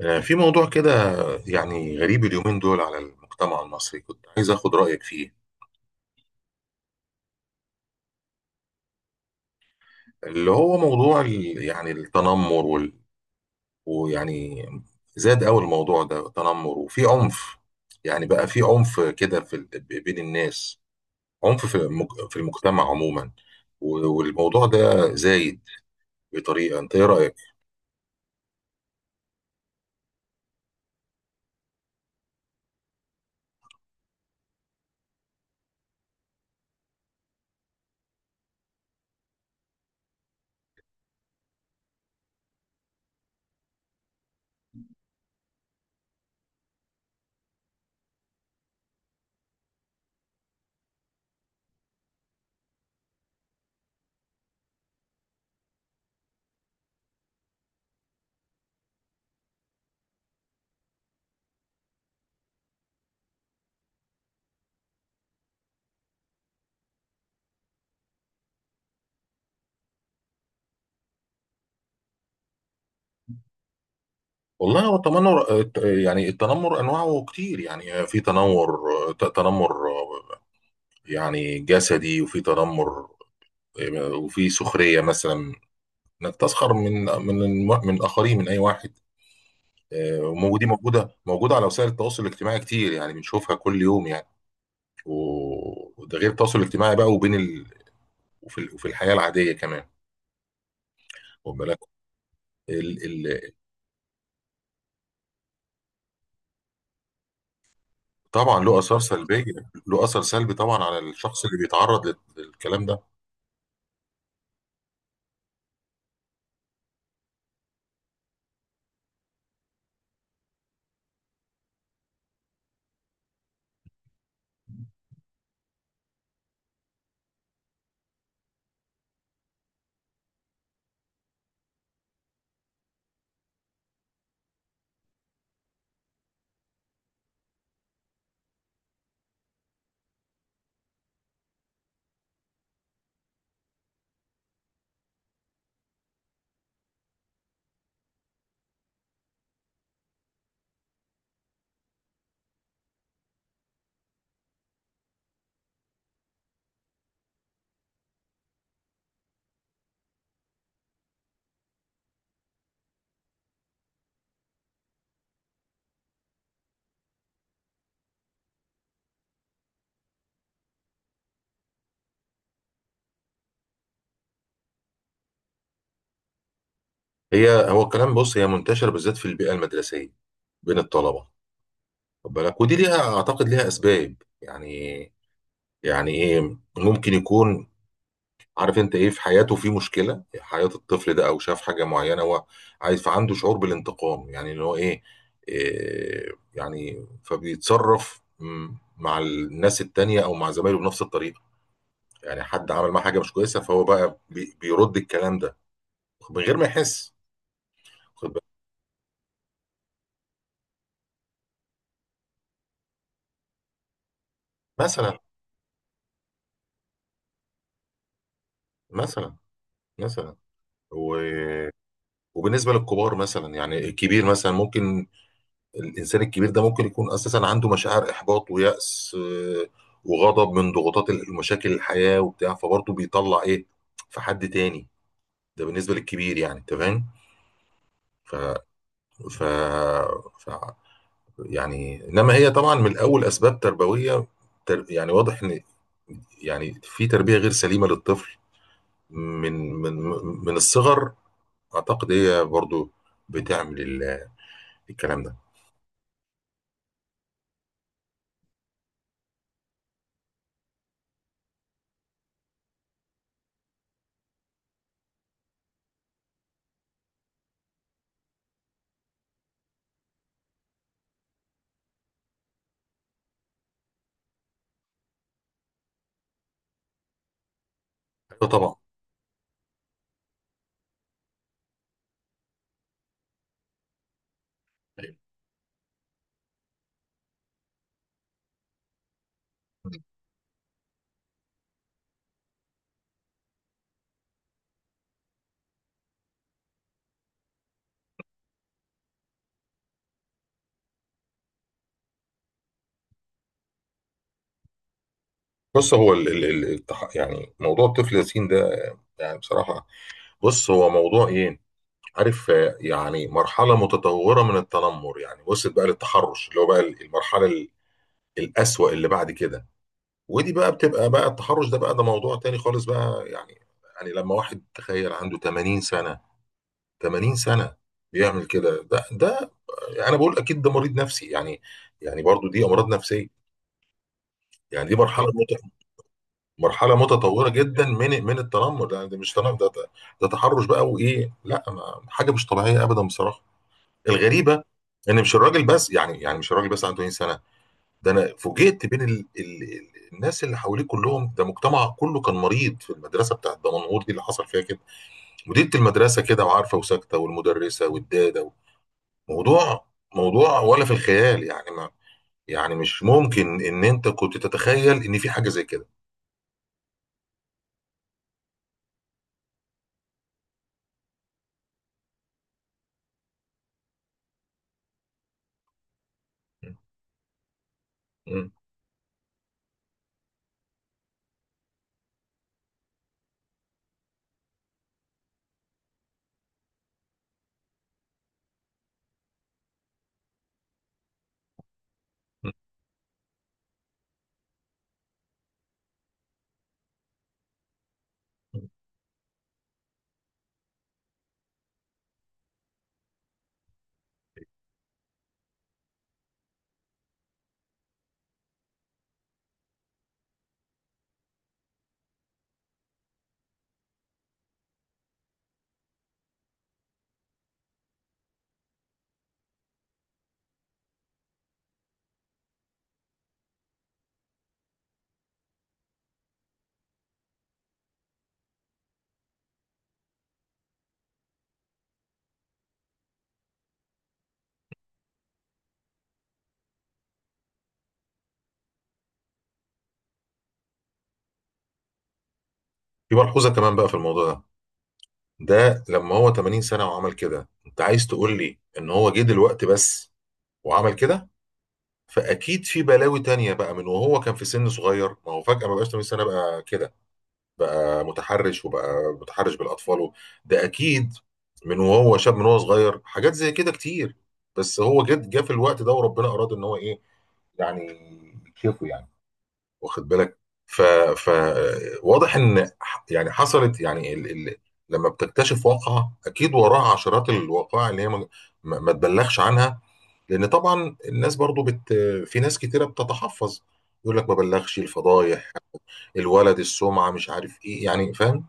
في موضوع كده يعني غريب اليومين دول على المجتمع المصري، كنت عايز اخد رأيك فيه. اللي هو موضوع يعني التنمر ويعني زاد قوي الموضوع ده تنمر وفي عنف. يعني بقى في عنف كده بين الناس، عنف في المجتمع عموما. والموضوع ده زايد بطريقة، انت ايه رأيك؟ والله هو التنمر يعني التنمر انواعه كتير. يعني في تنمر تنمر يعني جسدي، وفي تنمر، وفي سخريه مثلا، انك تسخر من من الاخرين، من اي واحد. وموجودة دي موجوده على وسائل التواصل الاجتماعي كتير، يعني بنشوفها كل يوم يعني. وده غير التواصل الاجتماعي بقى، وفي الحياه العاديه كمان، واخد بالك. ال... ال... طبعا له اثار سلبيه، له اثر سلبي طبعا على الشخص اللي بيتعرض للكلام ده. هو الكلام، بص، هي منتشره بالذات في البيئه المدرسيه بين الطلبه، واخد بالك، ودي ليها اعتقد ليها اسباب يعني يعني ايه، ممكن يكون عارف انت ايه في حياته، في مشكله حياه الطفل ده، او شاف حاجه معينه هو عايز، فعنده شعور بالانتقام. يعني اللي هو إيه يعني، فبيتصرف مع الناس التانية او مع زمايله بنفس الطريقه. يعني حد عمل معاه حاجه مش كويسه، فهو بقى بيرد الكلام ده من غير ما يحس، خد بالك. مثلا مثلا مثلا و... وبالنسبه للكبار، مثلا يعني الكبير مثلا ممكن، الانسان الكبير ده ممكن يكون اساسا عنده مشاعر احباط ويأس وغضب من ضغوطات المشاكل الحياة وبتاع، فبرضه بيطلع ايه في حد تاني. ده بالنسبة للكبير يعني، انت فاهم. ف... ف... ف يعني انما هي طبعا من الاول اسباب تربوية، يعني واضح ان يعني في تربية غير سليمة للطفل من من من الصغر. اعتقد هي برضو بتعمل الكلام ده. أيوة طبعا. بص، هو يعني موضوع الطفل ياسين ده، يعني بصراحة، بص هو موضوع ايه، عارف، يعني مرحلة متطورة من التنمر. يعني وصلت بقى للتحرش، اللي هو بقى المرحلة الأسوأ اللي بعد كده. ودي بقى بتبقى بقى التحرش ده بقى، ده موضوع تاني خالص بقى يعني. يعني لما واحد تخيل عنده 80 سنة، 80 سنة بيعمل كده، ده ده انا بقول اكيد ده مريض نفسي يعني برضو دي امراض نفسية. يعني دي مرحلة بالظبط، مرحله متطوره جدا من من التنمر. ده مش تنمر، ده تحرش بقى. وايه، لا ما حاجه مش طبيعيه ابدا بصراحه. الغريبه ان مش الراجل بس، يعني مش الراجل بس عنده 80 سنه. ده انا فوجئت بين ال ال ال الناس اللي حواليه كلهم. ده مجتمع كله كان مريض في المدرسه بتاعت دمنهور دي اللي حصل فيها كده. مديره المدرسه كده وعارفه وساكته، والمدرسه والداده. موضوع موضوع ولا في الخيال يعني، ما يعني مش ممكن ان انت كنت تتخيل ان في حاجه زي كده. م. م. في ملحوظة كمان بقى في الموضوع ده لما هو 80 سنة وعمل كده، انت عايز تقول لي ان هو جه دلوقتي بس وعمل كده؟ فاكيد في بلاوي تانية بقى من وهو كان في سن صغير. ما هو فجأة ما بقاش 80 سنة بقى كده، بقى متحرش وبقى متحرش بالاطفال ده اكيد. من وهو شاب، من وهو صغير، حاجات زي كده كتير، بس هو جه في الوقت ده، وربنا اراد ان هو ايه يعني، يكشفه يعني، واخد بالك. ف فواضح ان يعني حصلت يعني. لما بتكتشف واقعة، اكيد وراها عشرات الوقائع اللي هي ما تبلغش عنها، لان طبعا الناس برضو في ناس كتيرة بتتحفظ، يقول لك ما بلغش الفضايح، الولد السمعة مش عارف ايه يعني، فاهم.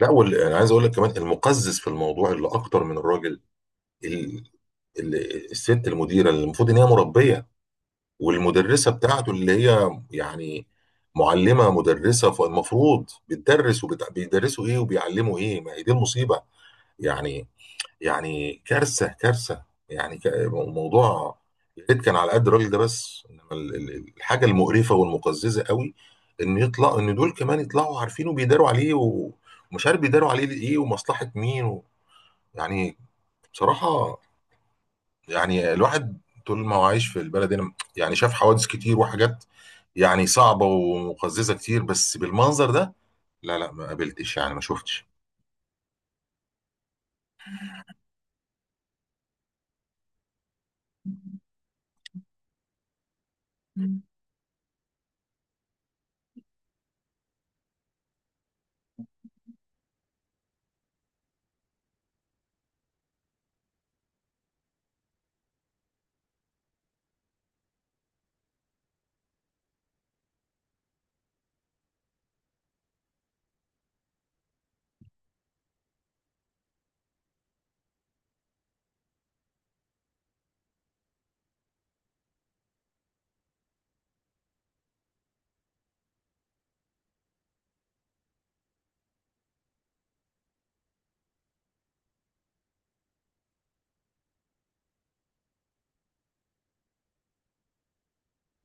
لا انا عايز اقول لك كمان، المقزز في الموضوع اللي اكتر من الراجل ال... ال... الست المديرة، اللي المفروض ان هي مربية، والمدرسة بتاعته اللي هي يعني معلمة مدرسة، فالمفروض بتدرس وبيدرسوا ايه وبيعلموا ايه. ما هي دي المصيبة يعني، يعني كارثة كارثة، يعني موضوع. يا ريت كان على قد الراجل ده بس، انما الحاجة المقرفة والمقززة قوي ان يطلع ان دول كمان يطلعوا عارفين وبيداروا عليه ومش عارف بيداروا عليه ايه ومصلحة مين يعني بصراحة. يعني الواحد طول ما هو عايش في البلد هنا، يعني شاف حوادث كتير وحاجات يعني صعبة ومقززة كتير، بس بالمنظر ده لا، لا ما قابلتش يعني، ما شفتش.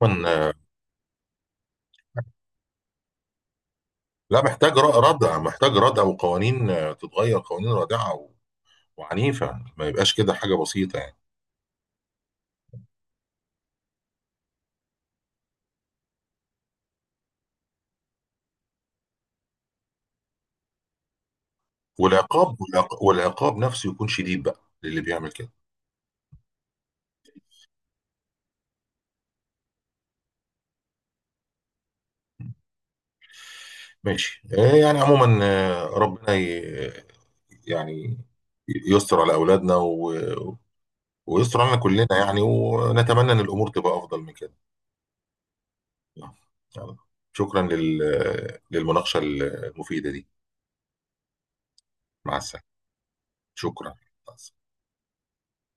طبعاً، لا محتاج ردع، محتاج ردع وقوانين، تتغير قوانين رادعة وعنيفة، ما يبقاش كده حاجة بسيطة يعني. والعقاب والعقاب نفسه يكون شديد بقى للي بيعمل كده. ماشي، يعني عموما ربنا يعني يستر على أولادنا ويستر علينا كلنا يعني، ونتمنى ان الامور تبقى افضل من كده. يلا. شكرا للمناقشه المفيده دي. مع السلامه. شكرا. مع السلامة.